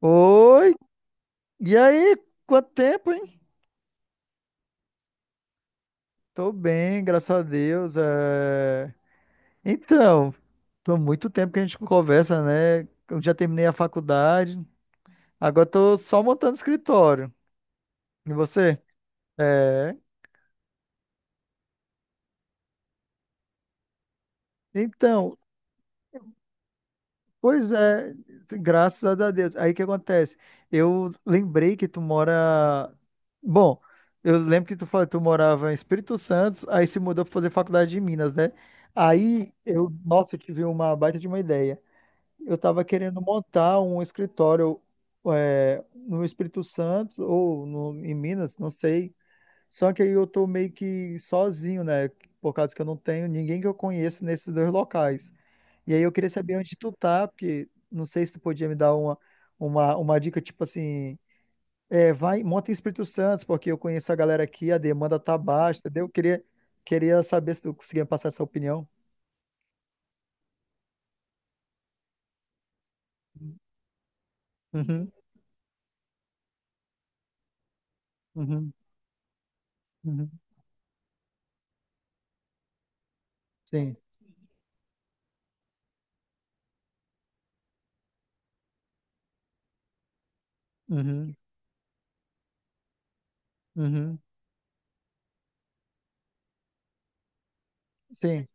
Oi, e aí? Quanto tempo, hein? Tô bem, graças a Deus. É. Então, tô muito tempo que a gente conversa, né? Eu já terminei a faculdade, agora tô só montando escritório. E você? É. Então, pois é, graças a Deus. Aí o que acontece? Eu lembrei que tu mora. Bom, eu lembro que tu falou que tu morava em Espírito Santo, aí se mudou para fazer faculdade de Minas, né? Aí eu, nossa, eu tive uma baita de uma ideia. Eu tava querendo montar um escritório no Espírito Santo ou em Minas, não sei. Só que aí eu tô meio que sozinho, né? Por causa que eu não tenho ninguém que eu conheço nesses dois locais. E aí eu queria saber onde tu tá, porque não sei se tu podia me dar uma dica, tipo assim, é, vai, monta em Espírito Santo, porque eu conheço a galera aqui, a demanda tá baixa, entendeu? Eu queria saber se tu conseguia me passar essa opinião. Uhum, uhum, uhum, sim, uhum, uhum, sim,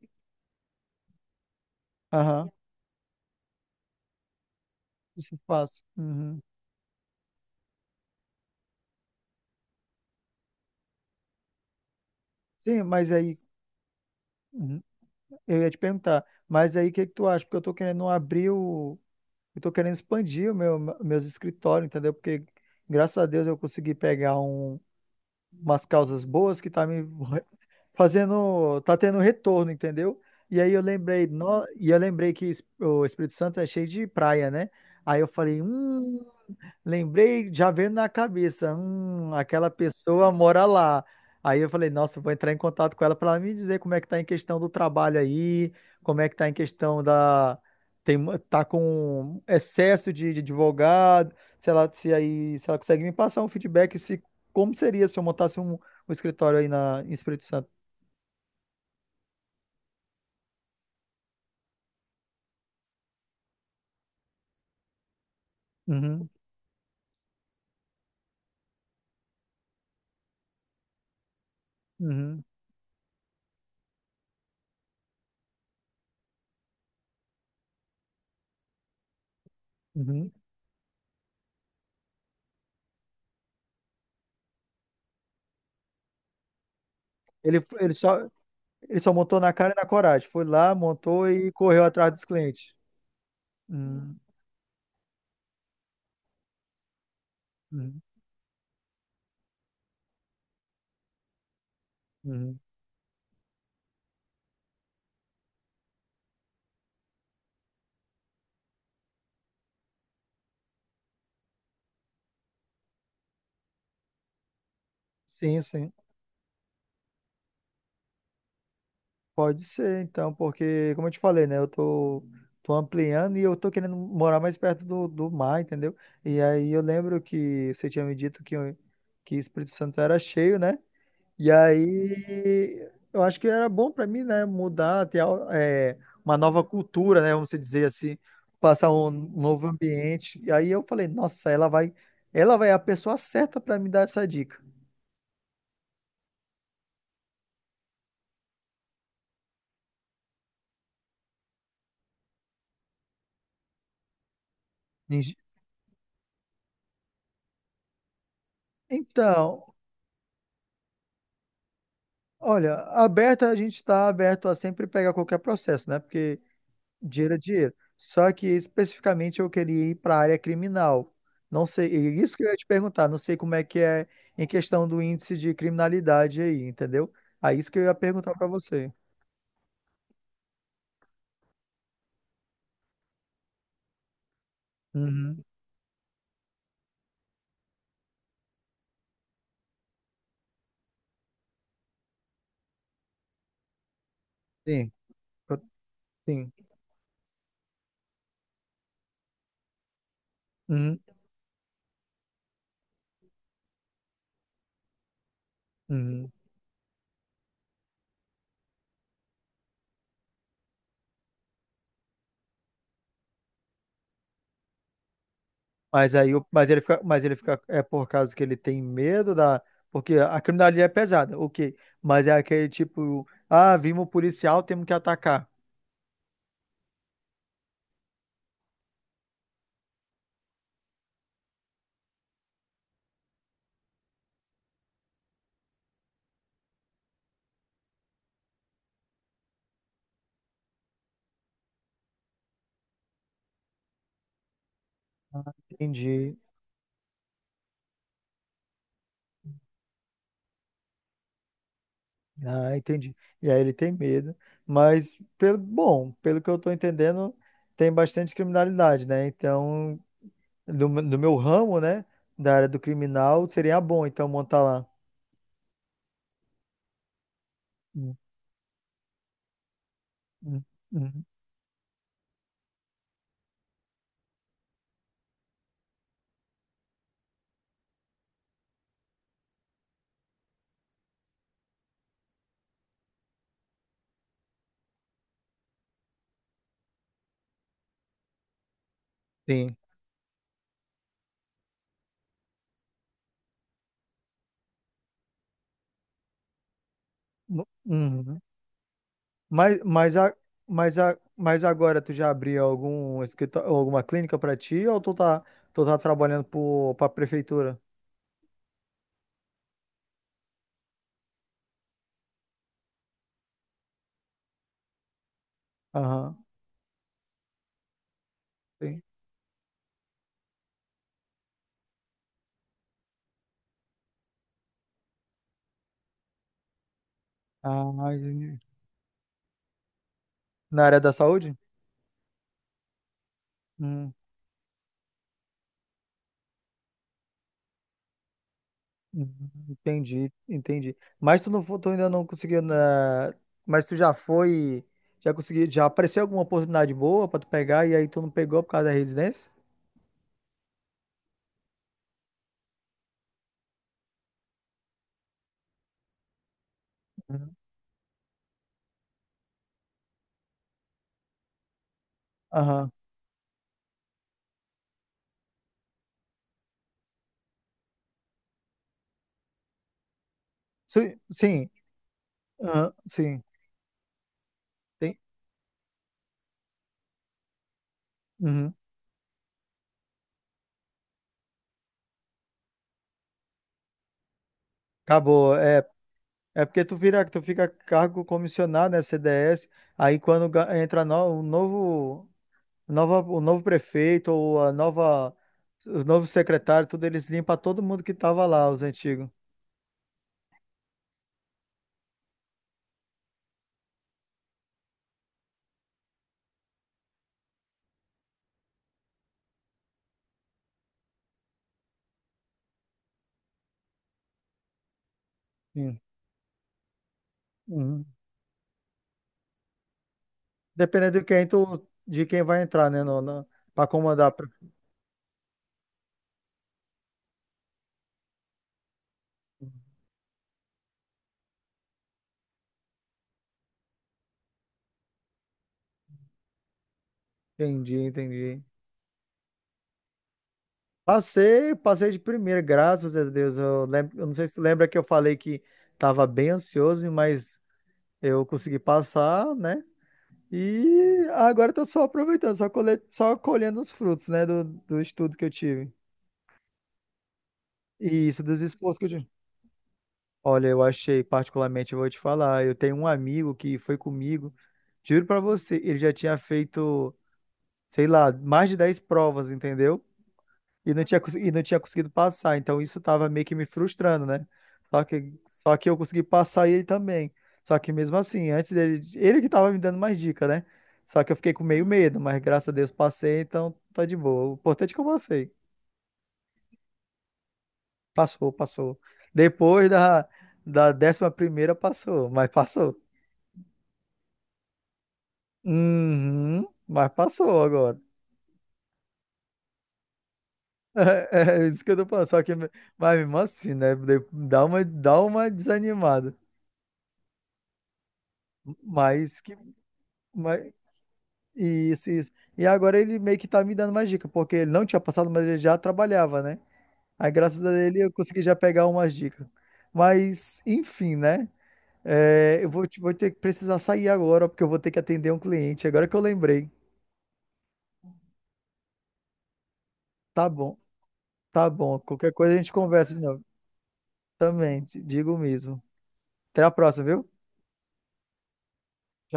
aham, isso eu faço. Uhum. Sim, mas aí, uhum, eu ia te perguntar, mas aí o que que tu acha? Porque eu tô querendo expandir meus escritórios, entendeu? Porque graças a Deus eu consegui pegar umas causas boas que tá me fazendo, tá tendo retorno, entendeu? E aí eu lembrei, no, e eu lembrei que o Espírito Santo é cheio de praia, né? Aí eu falei, lembrei, já veio na cabeça, aquela pessoa mora lá. Aí eu falei, nossa, eu vou entrar em contato com ela para ela me dizer como é que tá em questão do trabalho aí, como é que tá em questão da tá com excesso de advogado, se ela consegue me passar um feedback, se como seria se eu montasse um escritório aí em Espírito Santo? Uhum, uhum, uhum. Ele, ele só, ele só montou na cara e na coragem. Foi lá, montou e correu atrás dos clientes. Uhum, uhum, uhum. Sim, sim. Pode ser, então, porque, como eu te falei, né? Tô ampliando e eu tô querendo morar mais perto do mar, entendeu? E aí eu lembro que você tinha me dito que Espírito Santo era cheio, né? E aí, eu acho que era bom para mim, né, mudar, uma nova cultura, né, vamos dizer assim, passar um novo ambiente. E aí eu falei, nossa, ela vai é a pessoa certa para me dar essa dica. Entendi. Então, olha, aberta, a gente está aberto a sempre pegar qualquer processo, né? Porque dinheiro é dinheiro. Só que especificamente eu queria ir para a área criminal. Não sei, e isso que eu ia te perguntar, não sei como é que é em questão do índice de criminalidade aí, entendeu? Aí isso que eu ia perguntar para você. Uhum. Sim, eu- sim. Uhum, uhum. Mas aí, mas ele fica, é por causa que ele tem medo da, porque a criminalidade é pesada, ok. Mas é aquele tipo, ah, vimos o policial, temos que atacar. Entendi. Ah, entendi. E aí ele tem medo, mas pelo bom, pelo que eu estou entendendo, tem bastante criminalidade, né? Então, do meu ramo, né, da área do criminal, seria bom então montar lá. Hum, hum, hum. Sim. Uhum. Mas, mas, a, mas agora tu já abriu algum escritório, alguma clínica para ti ou tu tá trabalhando para a prefeitura? Aham, sim. Ah, entendi. Na área da saúde? Hum. Hum. Entendi, entendi. Tu ainda não conseguiu mas tu já foi, já conseguiu, já apareceu alguma oportunidade boa pra tu pegar e aí tu não pegou por causa da residência? Uhum. Aham. Sim, sim, aham, sim. Tem. Uhum. Acabou. É, é porque tu vira, tu fica cargo comissionado, né, CDS, aí entra no, o novo, o novo prefeito ou o novo secretário, tudo eles limpam todo mundo que tava lá, os antigos. Sim. Uhum. Dependendo de de quem vai entrar, né, no, na- pra comandar. Pra- Entendi, entendi. Passei de primeira, graças a Deus. Eu, lembro, eu não sei se tu lembra que eu falei que tava bem ansioso, mas eu consegui passar, né? E agora eu tô só aproveitando, só colhendo os frutos, né, do estudo que eu tive. E isso, dos esforços que eu tive. Olha, eu achei, particularmente, eu vou te falar, eu tenho um amigo que foi comigo, juro pra você, ele já tinha feito, sei lá, mais de 10 provas, entendeu? E não tinha conseguido passar, então isso tava meio que me frustrando, né? Só que eu consegui passar e ele também. Só que mesmo assim, antes dele, ele que tava me dando mais dica, né? Só que eu fiquei com meio medo, mas graças a Deus passei, então tá de boa. O importante é que eu passei. Passou. Depois da, da décima primeira passou, mas passou. Uhum, mas passou agora. É, é isso que eu tô falando, só que, mas mesmo assim, né, dá dá uma desanimada, mas que, mas, isso, e agora ele meio que tá me dando mais dica, porque ele não tinha passado, mas ele já trabalhava, né, aí graças a ele eu consegui já pegar umas dicas, mas, enfim, né, é, vou ter que precisar sair agora, porque eu vou ter que atender um cliente, agora que eu lembrei, tá bom, tá bom, qualquer coisa a gente conversa de novo, também, te digo mesmo, até a próxima, viu?